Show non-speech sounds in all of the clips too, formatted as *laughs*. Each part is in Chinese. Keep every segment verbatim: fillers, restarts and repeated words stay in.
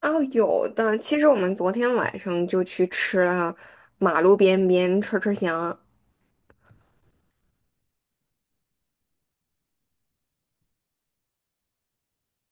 哦，有的。其实我们昨天晚上就去吃了马路边边串串香。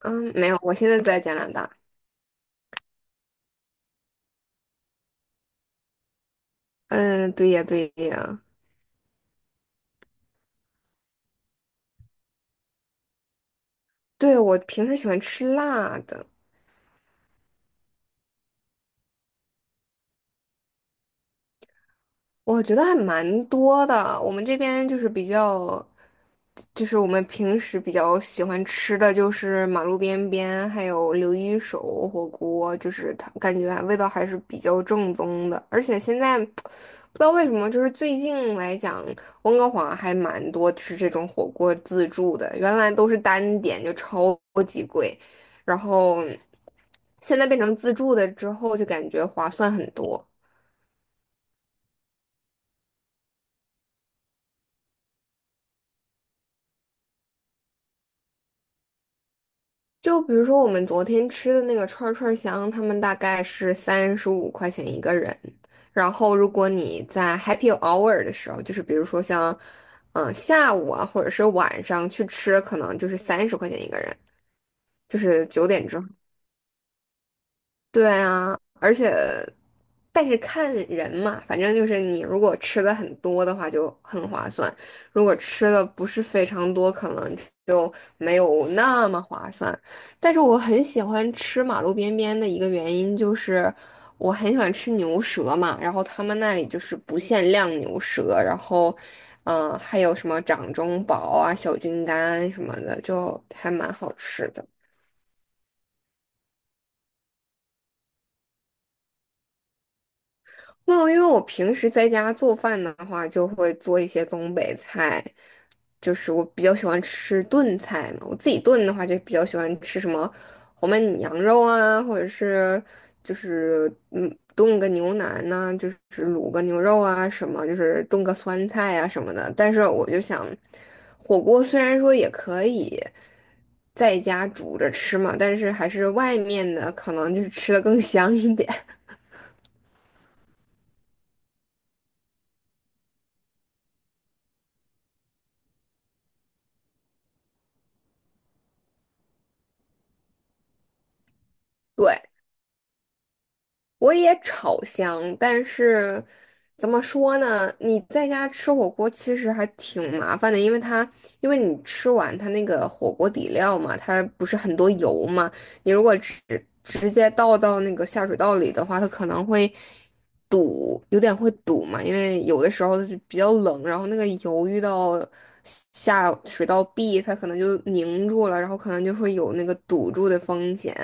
嗯，没有，我现在在加拿大。嗯，对呀，对呀。对，我平时喜欢吃辣的。我觉得还蛮多的。我们这边就是比较，就是我们平时比较喜欢吃的就是马路边边，还有刘一手火锅，就是它感觉味道还是比较正宗的。而且现在 *tsk* 不知道为什么，就是最近来讲，温哥华还蛮多吃这种火锅自助的，原来都是单点就超级贵，然后现在变成自助的之后，就感觉划算很多。就比如说我们昨天吃的那个串儿串儿香，他们大概是三十五块钱一个人。然后如果你在 happy hour 的时候，就是比如说像，嗯，下午啊，或者是晚上去吃，可能就是三十块钱一个人，就是九点之对啊，而且，但是看人嘛，反正就是你如果吃的很多的话就很划算，如果吃的不是非常多，可能就没有那么划算。但是我很喜欢吃马路边边的一个原因就是，我很喜欢吃牛舌嘛，然后他们那里就是不限量牛舌，然后，嗯、还有什么掌中宝啊、小菌干什么的，就还蛮好吃的。哦，因为我平时在家做饭的话，就会做一些东北菜，就是我比较喜欢吃炖菜嘛。我自己炖的话，就比较喜欢吃什么红焖羊肉啊，或者是就是嗯炖个牛腩呐、就是卤个牛肉啊什么，就是炖个酸菜啊什么的。但是我就想，火锅虽然说也可以在家煮着吃嘛，但是还是外面的可能就是吃的更香一点。*laughs* 对。我也炒香，但是怎么说呢？你在家吃火锅其实还挺麻烦的，因为它因为你吃完它那个火锅底料嘛，它不是很多油嘛，你如果直直接倒到那个下水道里的话，它可能会堵，有点会堵嘛，因为有的时候是比较冷，然后那个油遇到下水道壁，它可能就凝住了，然后可能就会有那个堵住的风险。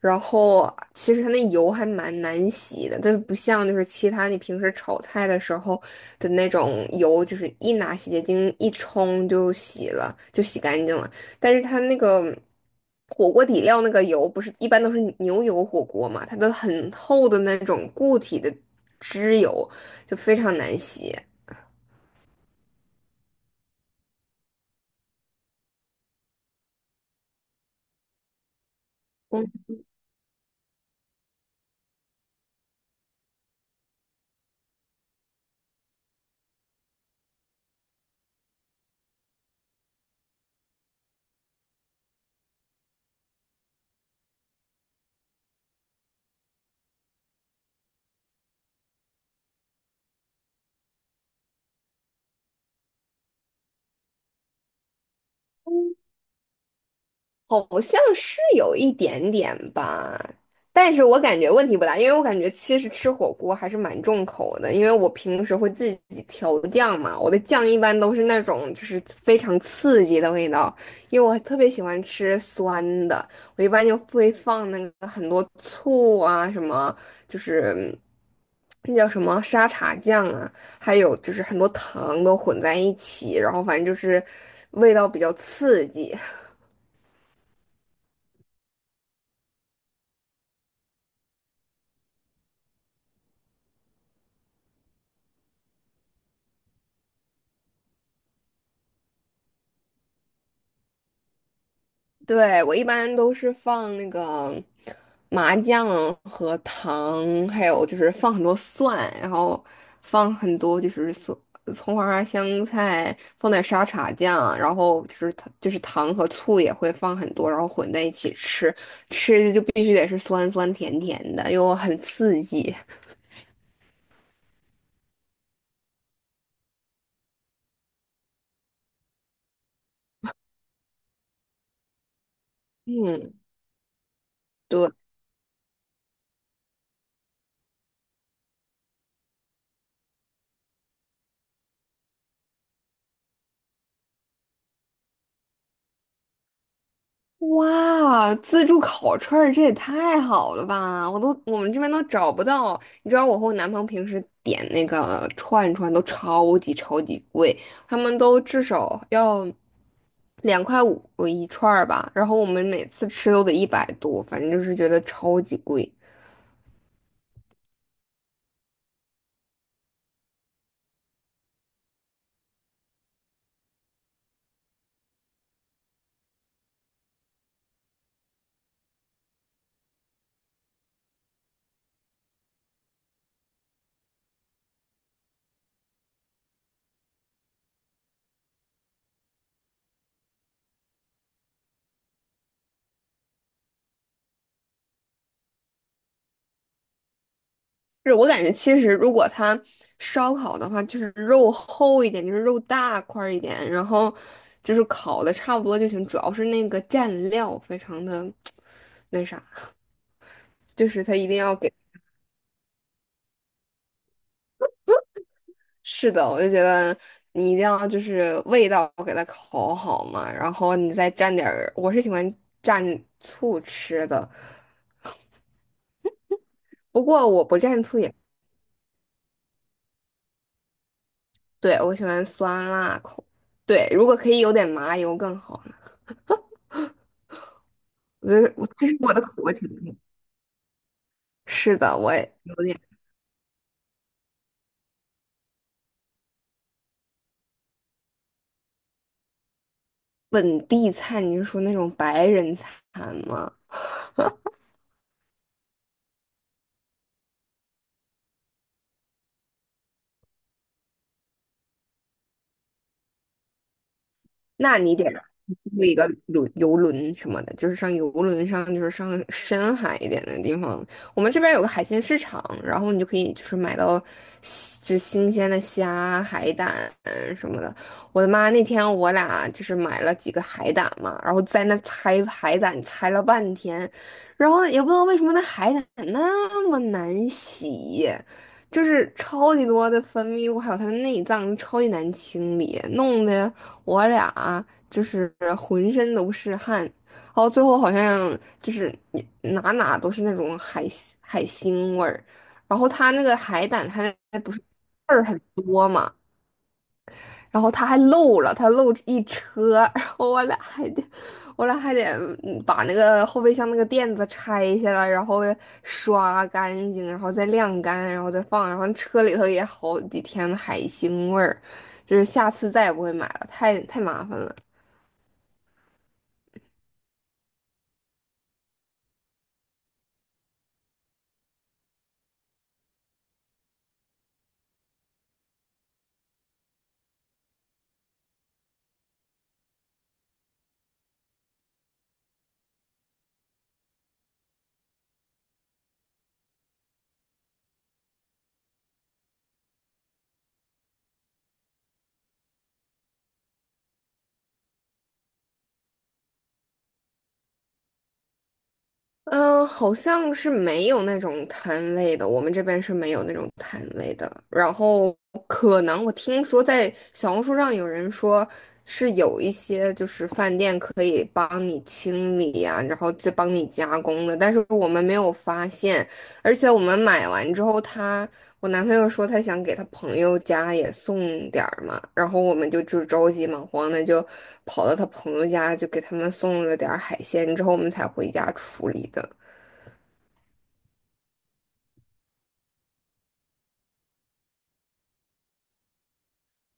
然后其实它那油还蛮难洗的，它不像就是其他你平时炒菜的时候的那种油，就是一拿洗洁精一冲就洗了，就洗干净了。但是它那个火锅底料那个油，不是一般都是牛油火锅嘛，它都很厚的那种固体的脂油，就非常难洗。好像是有一点点吧，但是我感觉问题不大，因为我感觉其实吃火锅还是蛮重口的，因为我平时会自己调酱嘛，我的酱一般都是那种就是非常刺激的味道，因为我特别喜欢吃酸的，我一般就会放那个很多醋啊，什么就是那叫什么沙茶酱啊，还有就是很多糖都混在一起，然后反正就是味道比较刺激。对，我一般都是放那个麻酱和糖，还有就是放很多蒜，然后放很多就是蒜、葱花、香菜，放点沙茶酱，然后就是糖就是糖和醋也会放很多，然后混在一起吃，吃的就必须得是酸酸甜甜的，又很刺激。嗯，对。哇，自助烤串儿这也太好了吧！我都我们这边都找不到。你知道我和我男朋友平时点那个串串都超级超级贵，他们都至少要两块五一串儿吧，然后我们每次吃都得一百多，反正就是觉得超级贵。是我感觉其实如果它烧烤的话，就是肉厚一点，就是肉大块儿一点，然后就是烤的差不多就行，主要是那个蘸料非常的 *tsk* 那啥。就是它一定要给，是的，我就觉得你一定要就是味道给它烤好嘛，然后你再蘸点儿，我是喜欢蘸醋吃的，不过我不蘸醋也，对，我喜欢酸辣口。对，如果可以有点麻油更好呢。我觉得我其实 *laughs* 我的口味挺重，是的，我也有点本地菜。你是说那种白人餐吗？那你得租一个轮游轮什么的，就是上游轮上，就是上深海一点的地方。我们这边有个海鲜市场，然后你就可以就是买到新就新鲜的虾、海胆什么的。我的妈！那天我俩就是买了几个海胆嘛，然后在那拆海胆，拆了半天，然后也不知道为什么那海胆那么难洗。就是超级多的分泌物，还有它的内脏超级难清理，弄得我俩啊就是浑身都是汗，然后最后好像就是你哪哪都是那种海腥海腥味儿，然后他那个海胆，它那不是刺儿很多嘛，然后他还漏了，他漏一车。*laughs* 然后我俩还得，我俩还得嗯把那个后备箱那个垫子拆下来，然后刷干净，然后再晾干，然后再放，然后车里头也好几天海腥味儿。就是下次再也不会买了，太太麻烦了。嗯，好像是没有那种摊位的，我们这边是没有那种摊位的。然后可能我听说在小红书上有人说是有一些就是饭店可以帮你清理呀、然后再帮你加工的，但是我们没有发现，而且我们买完之后它。我男朋友说他想给他朋友家也送点儿嘛，然后我们就就着急忙慌的就跑到他朋友家，就给他们送了点儿海鲜，之后我们才回家处理的。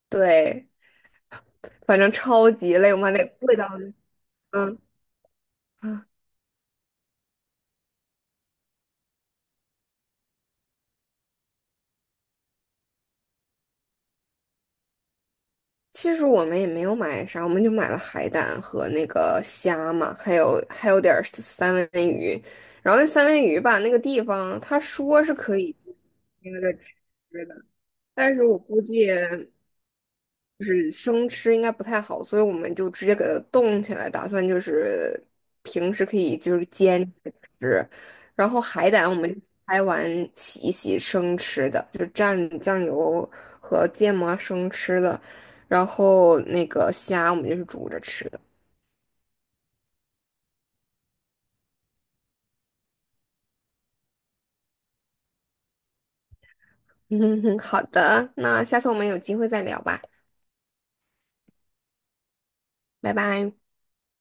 对，反正超级累，我们还得跪到那，嗯啊 *sniffs* 其实我们也没有买啥，我们就买了海胆和那个虾嘛，还有还有点儿三文鱼，然后那三文鱼吧，那个地方他说是可以那个吃的，但是我估计。是生吃应该不太好，所以我们就直接给它冻起来，打算就是平时可以就是煎吃。然后海胆我们拍完洗一洗生吃的，就蘸酱油和芥末生吃的。然后那个虾我们就是煮着吃的。*laughs* 好的，那下次我们有机会再聊吧。拜拜。